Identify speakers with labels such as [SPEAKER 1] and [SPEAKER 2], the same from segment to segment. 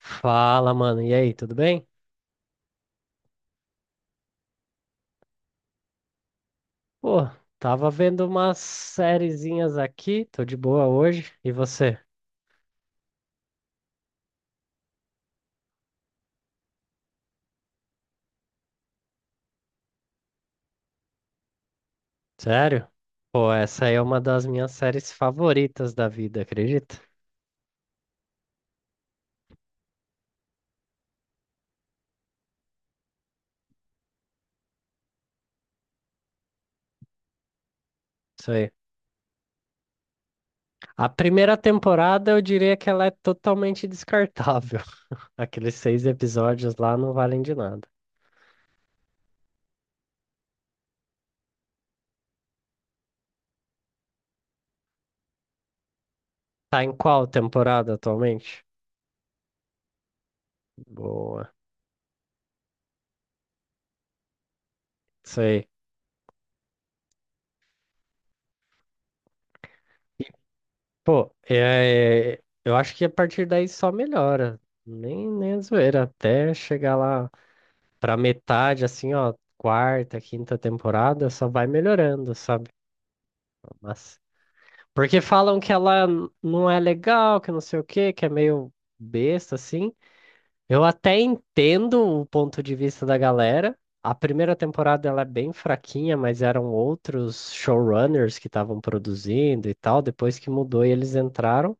[SPEAKER 1] Fala, mano. E aí, tudo bem? Pô, tava vendo umas sériezinhas aqui, tô de boa hoje. E você? Sério? Pô, essa aí é uma das minhas séries favoritas da vida, acredita? Isso aí. A primeira temporada eu diria que ela é totalmente descartável. Aqueles seis episódios lá não valem de nada. Tá em qual temporada atualmente? Boa. Isso aí. Pô, é, eu acho que a partir daí só melhora. Nem a zoeira, até chegar lá pra metade, assim, ó, quarta, quinta temporada, só vai melhorando, sabe? Mas, porque falam que ela não é legal, que não sei o quê, que é meio besta, assim. Eu até entendo o ponto de vista da galera. A primeira temporada ela é bem fraquinha, mas eram outros showrunners que estavam produzindo e tal. Depois que mudou e eles entraram.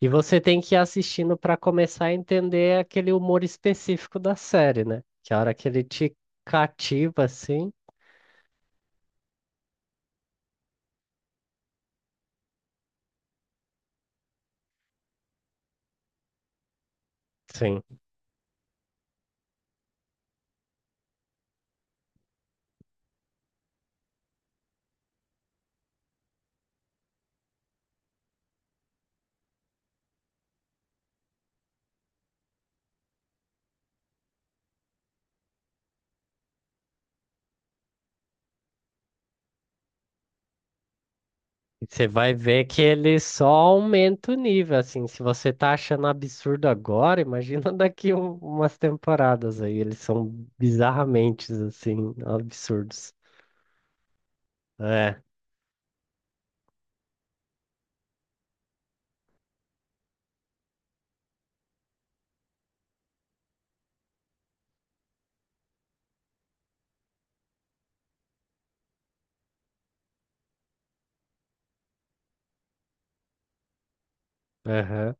[SPEAKER 1] E você tem que ir assistindo para começar a entender aquele humor específico da série, né? Que a hora que ele te cativa, assim, sim. E você vai ver que ele só aumenta o nível, assim. Se você tá achando absurdo agora, imagina daqui umas temporadas aí. Eles são bizarramente, assim, absurdos. É, aham,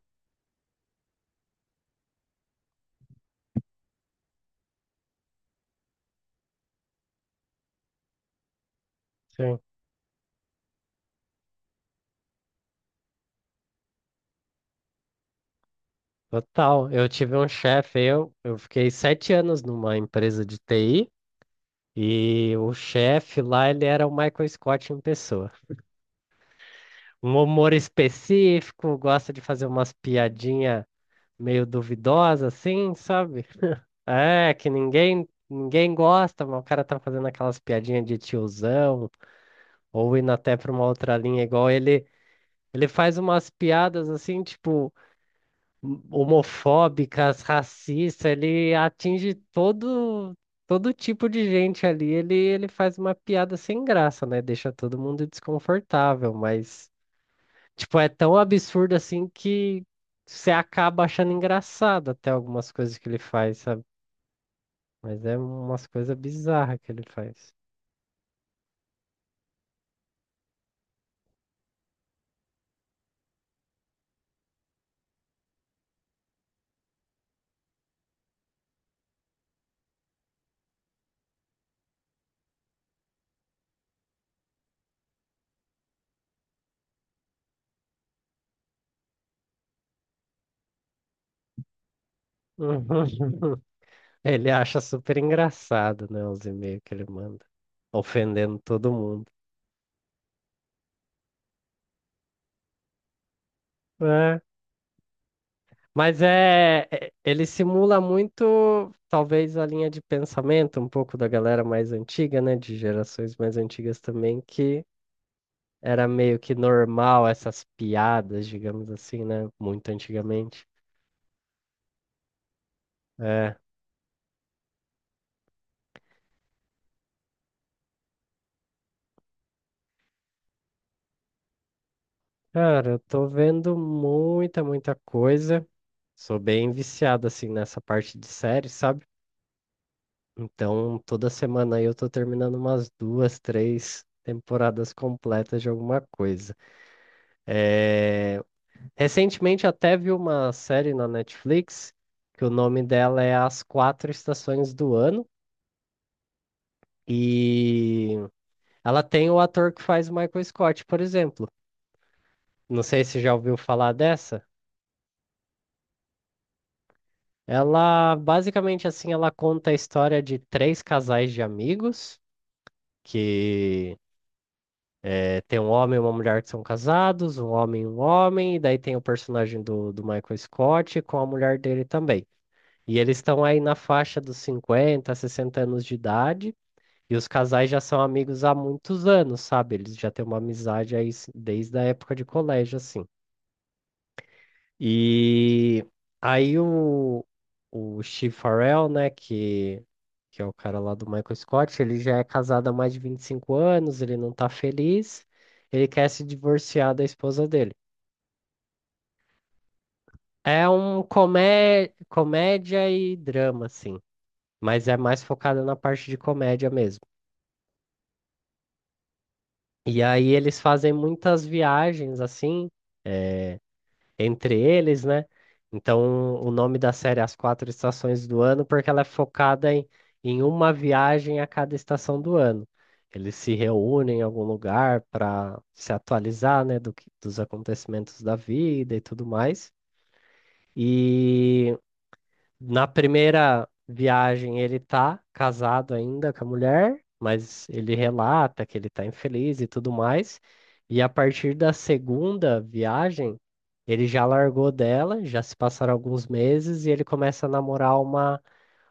[SPEAKER 1] sim. Total. Eu tive um chefe, eu fiquei 7 anos numa empresa de TI e o chefe lá, ele era o Michael Scott em pessoa. Um humor específico, gosta de fazer umas piadinhas meio duvidosas, assim, sabe? É, que ninguém gosta, mas o cara tá fazendo aquelas piadinhas de tiozão, ou indo até pra uma outra linha, igual ele, ele faz umas piadas assim, tipo, homofóbicas, racistas, ele atinge todo tipo de gente ali, ele faz uma piada sem graça, né? Deixa todo mundo desconfortável, mas, tipo, é tão absurdo assim que você acaba achando engraçado até algumas coisas que ele faz, sabe? Mas é umas coisas bizarras que ele faz. Ele acha super engraçado, né, os e-mails que ele manda, ofendendo todo mundo. É, mas é, ele simula muito, talvez, a linha de pensamento um pouco da galera mais antiga, né, de gerações mais antigas também, que era meio que normal essas piadas, digamos assim, né, muito antigamente. É, cara, eu tô vendo muita, muita coisa. Sou bem viciado assim nessa parte de série, sabe? Então, toda semana aí eu tô terminando umas duas, três temporadas completas de alguma coisa. Recentemente até vi uma série na Netflix que o nome dela é As Quatro Estações do Ano e ela tem o ator que faz Michael Scott, por exemplo. Não sei se já ouviu falar dessa. Ela basicamente assim, ela conta a história de três casais de amigos que é, tem um homem e uma mulher que são casados, um homem, e daí tem o personagem do, Michael Scott com a mulher dele também. E eles estão aí na faixa dos 50, 60 anos de idade, e os casais já são amigos há muitos anos, sabe? Eles já têm uma amizade aí desde a época de colégio, assim. E aí o Steve Farrell, né, que é o cara lá do Michael Scott, ele já é casado há mais de 25 anos, ele não tá feliz, ele quer se divorciar da esposa dele. É um comédia e drama, assim, mas é mais focada na parte de comédia mesmo. E aí eles fazem muitas viagens, assim, eh, entre eles, né? Então, o nome da série é As Quatro Estações do Ano, porque ela é focada em uma viagem a cada estação do ano. Eles se reúnem em algum lugar para se atualizar, né, dos acontecimentos da vida e tudo mais. E na primeira viagem, ele tá casado ainda com a mulher, mas ele relata que ele tá infeliz e tudo mais. E a partir da segunda viagem, ele já largou dela, já se passaram alguns meses e ele começa a namorar uma,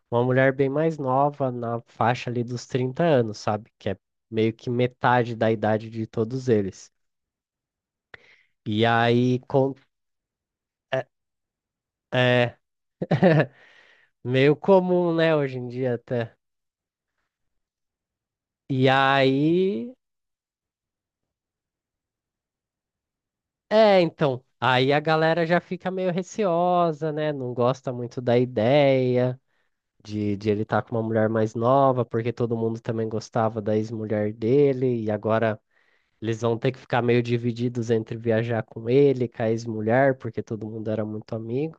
[SPEAKER 1] uma mulher bem mais nova, na faixa ali dos 30 anos, sabe? Que é meio que metade da idade de todos eles. E aí, com. É é meio comum, né, hoje em dia até. E aí, é, então, aí a galera já fica meio receosa, né? Não gosta muito da ideia de, ele estar com uma mulher mais nova, porque todo mundo também gostava da ex-mulher dele, e agora eles vão ter que ficar meio divididos entre viajar com ele, com a ex-mulher, porque todo mundo era muito amigo.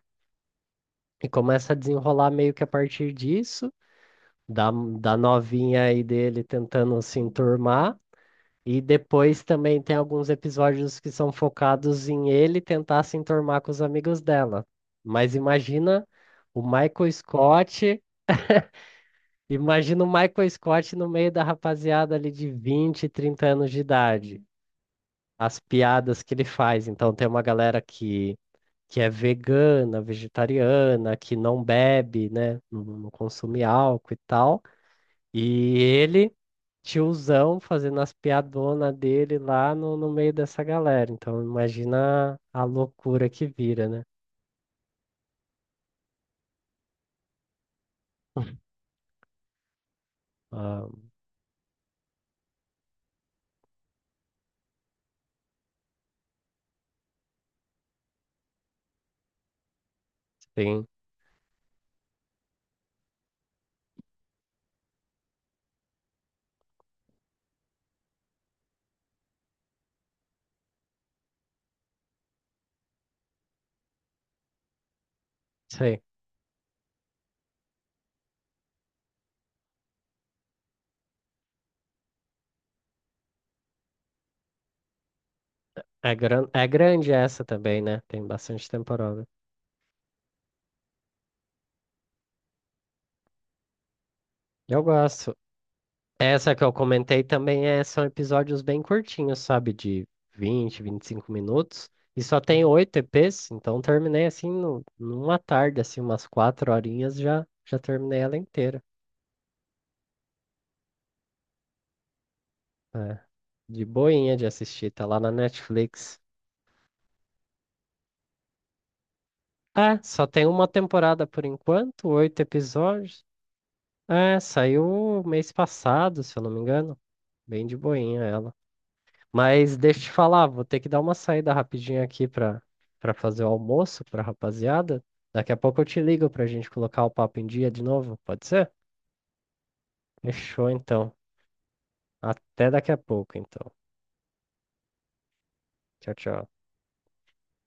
[SPEAKER 1] E começa a desenrolar meio que a partir disso, da, da novinha aí dele tentando se enturmar. E depois também tem alguns episódios que são focados em ele tentar se enturmar com os amigos dela. Mas imagina o Michael Scott, imagina o Michael Scott no meio da rapaziada ali de 20, 30 anos de idade. As piadas que ele faz. Então tem uma galera que, é vegana, vegetariana, que não bebe, né? Não consome álcool e tal. E ele tiozão fazendo as piadonas dele lá no meio dessa galera. Então, imagina a loucura que vira, né? Ah, sim, sim. É, gran é grande essa também, né? Tem bastante temporada. Eu gosto. Essa que eu comentei também é, são episódios bem curtinhos, sabe? De 20, 25 minutos. E só tem oito EPs, então terminei assim no, numa tarde, assim, umas 4 horinhas já, já terminei ela inteira. É, de boinha de assistir, tá lá na Netflix. É, só tem uma temporada por enquanto, oito episódios. É, saiu mês passado, se eu não me engano. Bem de boinha ela. Mas deixa eu te falar, vou ter que dar uma saída rapidinho aqui pra, fazer o almoço pra rapaziada. Daqui a pouco eu te ligo pra gente colocar o papo em dia de novo, pode ser? Fechou então. Até daqui a pouco, então. Tchau, tchau.